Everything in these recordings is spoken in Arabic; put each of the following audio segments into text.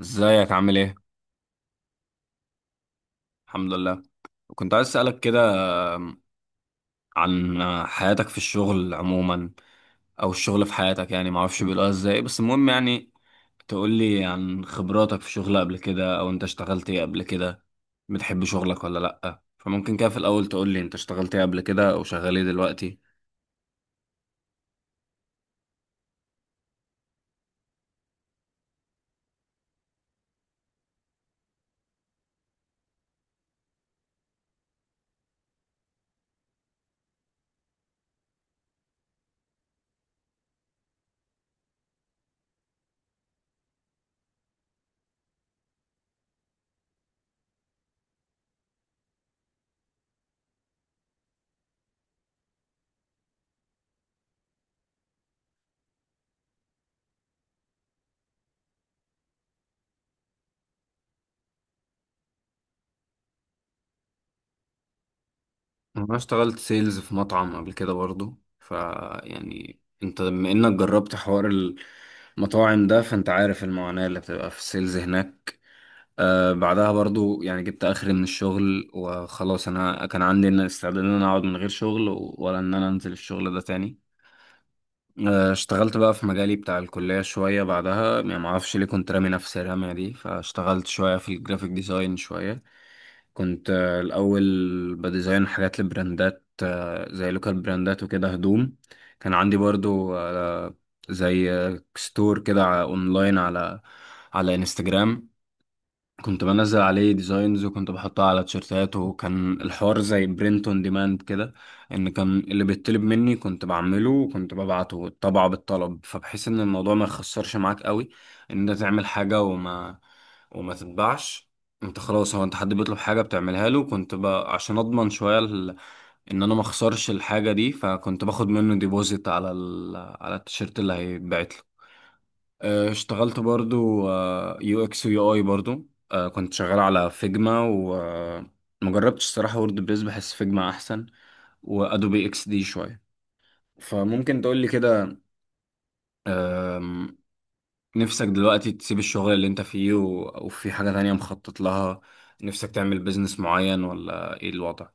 ازيك عامل ايه؟ الحمد لله. كنت عايز اسألك كده عن حياتك في الشغل عموما، او الشغل في حياتك، يعني معرفش بيقولوها ازاي، بس المهم، يعني تقول لي عن خبراتك في شغل قبل كده، او انت اشتغلت ايه قبل كده، بتحب شغلك ولا لأ. فممكن كده في الاول تقول لي انت اشتغلت ايه قبل كده او شغال ايه دلوقتي. انا اشتغلت سيلز في مطعم قبل كده برضو. يعني انت بما انك جربت حوار المطاعم ده، فانت عارف المعاناة اللي بتبقى في السيلز هناك. بعدها برضو يعني جبت اخري من الشغل وخلاص. انا كان عندي استعداد ان انا اقعد من غير شغل ولا ان انا انزل الشغل ده تاني. اشتغلت بقى في مجالي بتاع الكلية شوية بعدها. يعني معرفش ليه كنت رامي نفسي الرمية دي، فاشتغلت شوية في الجرافيك ديزاين شوية. كنت الاول بديزاين حاجات لبراندات، زي لوكال براندات وكده، هدوم. كان عندي برضو زي ستور كده اونلاين، على انستجرام. كنت بنزل عليه ديزاينز، وكنت بحطها على تيشيرتات، وكان الحوار زي برنت اون ديماند كده. ان كان اللي بيطلب مني كنت بعمله، وكنت ببعته طبعه بالطلب، فبحيث ان الموضوع ما يخسرش معاك قوي، ان انت تعمل حاجة وما تتباعش. انت خلاص، هو انت حد بيطلب حاجة بتعملها له، عشان اضمن شوية ان انا ما اخسرش الحاجة دي، فكنت باخد منه ديبوزيت على التيشيرت اللي هيتبعت له. اشتغلت برضو يو اكس ويو اي برضو. كنت شغال على فيجما، وما جربتش الصراحة وورد بريس، بحس فيجما احسن، وادوبي اكس دي شوية. فممكن تقول لي كده، آم، نفسك دلوقتي تسيب الشغل اللي انت فيه وفي حاجة تانية مخطط لها؟ نفسك تعمل بيزنس معين، ولا ايه الوضع؟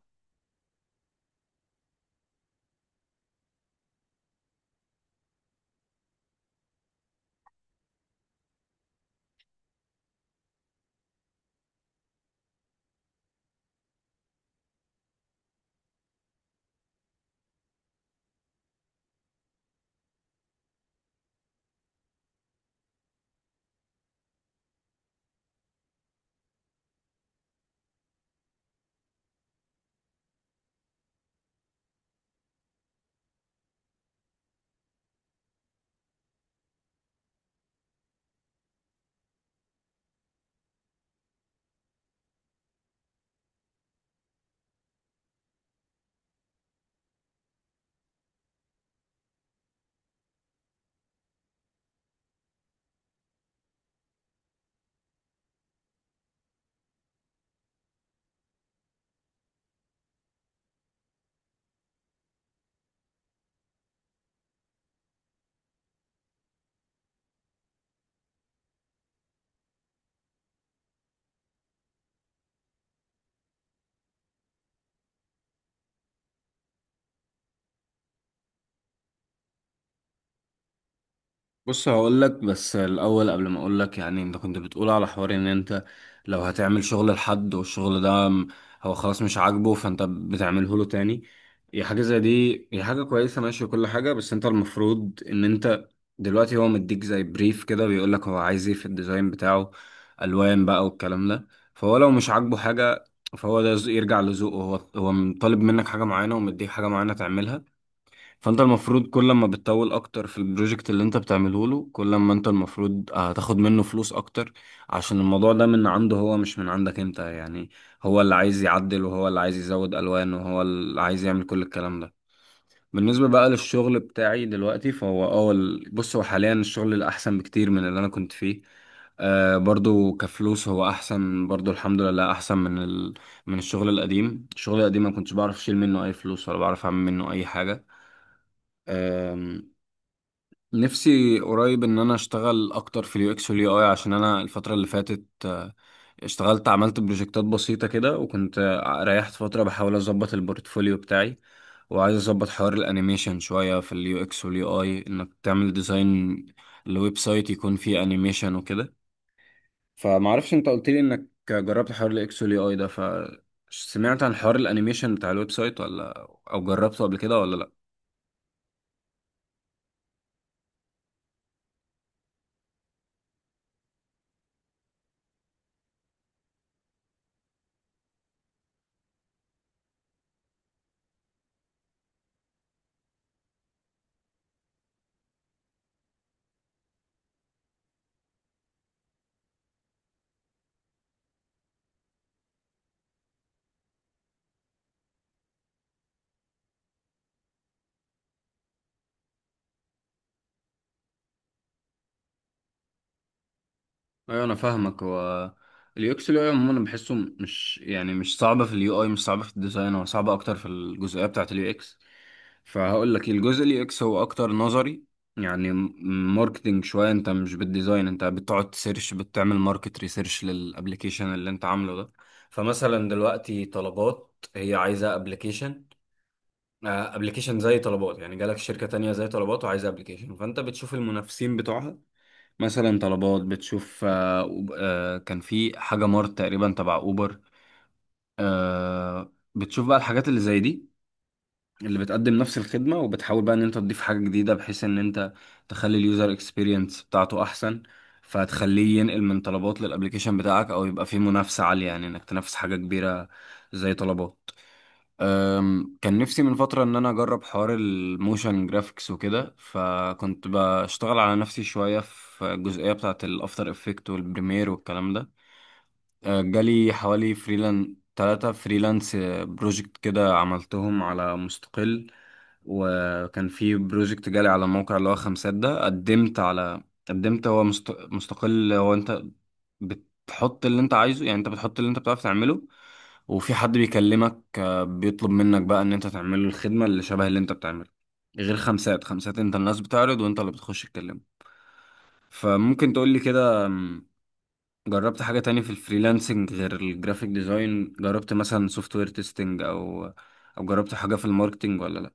بص هقول لك، بس الاول قبل ما اقول لك، يعني انت كنت بتقول على حوار ان انت لو هتعمل شغل لحد والشغل ده هو خلاص مش عاجبه، فانت بتعمله له تاني. هي حاجه زي دي، هي حاجه كويسه ماشي وكل حاجه، بس انت المفروض ان انت دلوقتي، هو مديك زي بريف كده بيقول لك هو عايز ايه في الديزاين بتاعه، الوان بقى والكلام ده. فهو لو مش عاجبه حاجه، فهو ده يرجع لذوقه هو. هو طالب منك حاجه معينه ومديك حاجه معينه تعملها. فانت المفروض كل ما بتطول اكتر في البروجكت اللي انت بتعمله له، كل ما انت المفروض هتاخد منه فلوس اكتر، عشان الموضوع ده من عنده هو مش من عندك انت. يعني هو اللي عايز يعدل، وهو اللي عايز يزود الوان، وهو اللي عايز يعمل كل الكلام ده. بالنسبة بقى للشغل بتاعي دلوقتي، فهو بص هو حاليا الشغل الأحسن بكتير من اللي أنا كنت فيه. برضو كفلوس هو أحسن برضو، الحمد لله، أحسن من الشغل القديم. الشغل القديم ما كنتش بعرف أشيل منه أي فلوس، ولا بعرف أعمل منه أي حاجة. نفسي قريب ان انا اشتغل اكتر في اليو اكس واليو اي، عشان انا الفتره اللي فاتت اشتغلت، عملت بروجكتات بسيطه كده، وكنت ريحت فتره بحاول اظبط البورتفوليو بتاعي. وعايز اظبط حوار الانيميشن شويه في اليو اكس واليو اي، انك تعمل ديزاين لويب سايت يكون فيه انيميشن وكده. فما اعرفش، انت قلت لي انك جربت حوار الاكس واليو اي ده، فسمعت عن حوار الانيميشن بتاع الويب سايت ولا؟ او جربته قبل كده ولا؟ ايوه، انا فاهمك. هو اليو اكس اليو اي عموما بحسه مش، يعني مش صعبه في اليو اي، مش صعبه في الديزاين، هو صعبه اكتر في الجزئيه بتاعه اليو اكس. فهقول لك، الجزء اليو اكس هو اكتر نظري، يعني ماركتينج شويه، انت مش بالديزاين، انت بتقعد تسيرش بتعمل ماركت ريسيرش للابليكيشن اللي انت عامله ده. فمثلا دلوقتي طلبات هي عايزه ابلكيشن، ابلكيشن زي طلبات، يعني جالك شركه تانية زي طلبات وعايزه ابلكيشن، فانت بتشوف المنافسين بتوعها. مثلا طلبات، بتشوف كان في حاجة مارت تقريبا تبع أوبر، بتشوف بقى الحاجات اللي زي دي، اللي بتقدم نفس الخدمة، وبتحاول بقى إن أنت تضيف حاجة جديدة بحيث إن أنت تخلي اليوزر اكسبيرينس بتاعته أحسن. فهتخليه ينقل من طلبات للأبليكيشن بتاعك، أو يبقى فيه منافسة عالية، يعني إنك تنافس حاجة كبيرة زي طلبات. كان نفسي من فترة إن أنا أجرب حوار الموشن جرافيكس وكده، فكنت بشتغل على نفسي شوية في الجزئية بتاعة الأفتر إفكت والبريمير والكلام ده. جالي حوالي تلاتة فريلانس بروجكت كده، عملتهم على مستقل. وكان في بروجكت جالي على موقع اللي هو خمسات ده، قدمت، هو مستقل، هو انت بتحط اللي انت عايزه، يعني انت بتحط اللي انت بتعرف تعمله. وفي حد بيكلمك بيطلب منك بقى ان انت تعمله الخدمة اللي شبه اللي انت بتعمله. غير خمسات. خمسات انت الناس بتعرض، وانت اللي بتخش تكلمه. فممكن تقولي كده، جربت حاجة تانية في الفريلانسنج غير الجرافيك ديزاين؟ جربت مثلا سوفت وير تيستنج، أو جربت حاجة في الماركتينج ولا لأ؟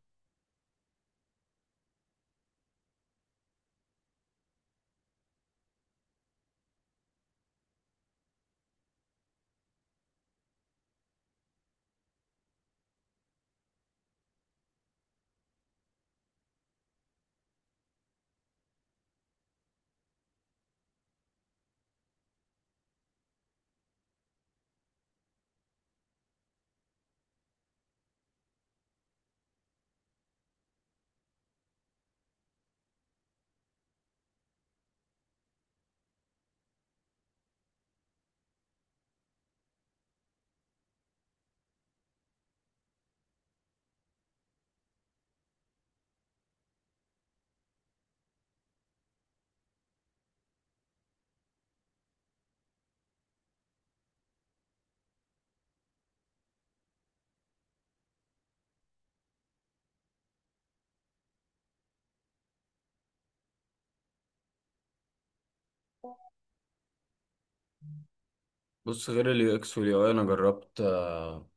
بص، غير اليو اكس واليو اي انا جربت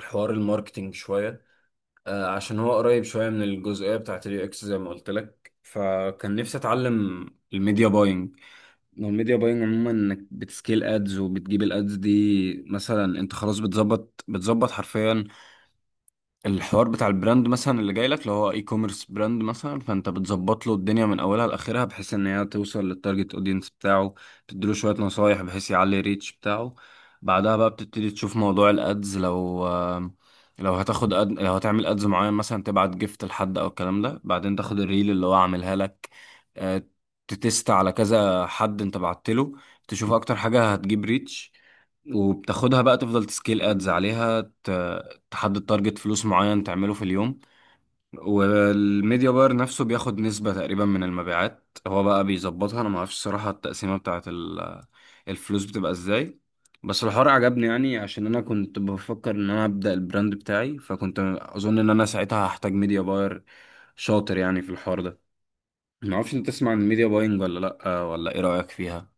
حوار الماركتينج شويه. عشان هو قريب شويه من الجزئيه بتاعت اليو اكس زي ما قلت لك، فكان نفسي اتعلم الميديا باينج. الميديا باينج عموما انك بتسكيل ادز، وبتجيب الادز دي، مثلا انت خلاص بتظبط حرفيا الحوار بتاع البراند، مثلا اللي جاي لك اللي هو اي كوميرس براند، مثلا فانت بتظبط له الدنيا من اولها لاخرها، بحيث ان هي توصل للتارجت اودينس بتاعه. تديله شويه نصايح بحيث يعلي الريتش بتاعه. بعدها بقى بتبتدي تشوف موضوع الادز. لو هتعمل ادز معين، مثلا تبعت جيفت لحد او الكلام ده، بعدين تاخد الريل اللي هو عاملها لك، آه، تتست على كذا حد انت بعت له، تشوف اكتر حاجه هتجيب ريتش، وبتاخدها بقى تفضل تسكيل ادز عليها. تحدد تارجت فلوس معين تعمله في اليوم. والميديا باير نفسه بياخد نسبة تقريبا من المبيعات، هو بقى بيظبطها، انا ما اعرفش الصراحة التقسيمة بتاعه الفلوس بتبقى ازاي. بس الحوار عجبني، يعني عشان انا كنت بفكر ان انا ابدأ البراند بتاعي، فكنت اظن ان انا ساعتها هحتاج ميديا باير شاطر، يعني في الحوار ده. ما اعرفش، انت تسمع عن الميديا باينج ولا لا؟ ولا ايه رأيك فيها؟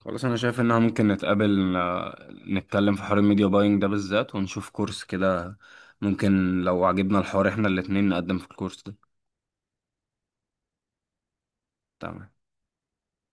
خلاص، انا شايف انها ممكن نتقابل نتكلم في حوار الميديا باينج ده بالذات، ونشوف كورس كده. ممكن لو عجبنا الحوار احنا الاتنين نقدم في الكورس ده. تمام.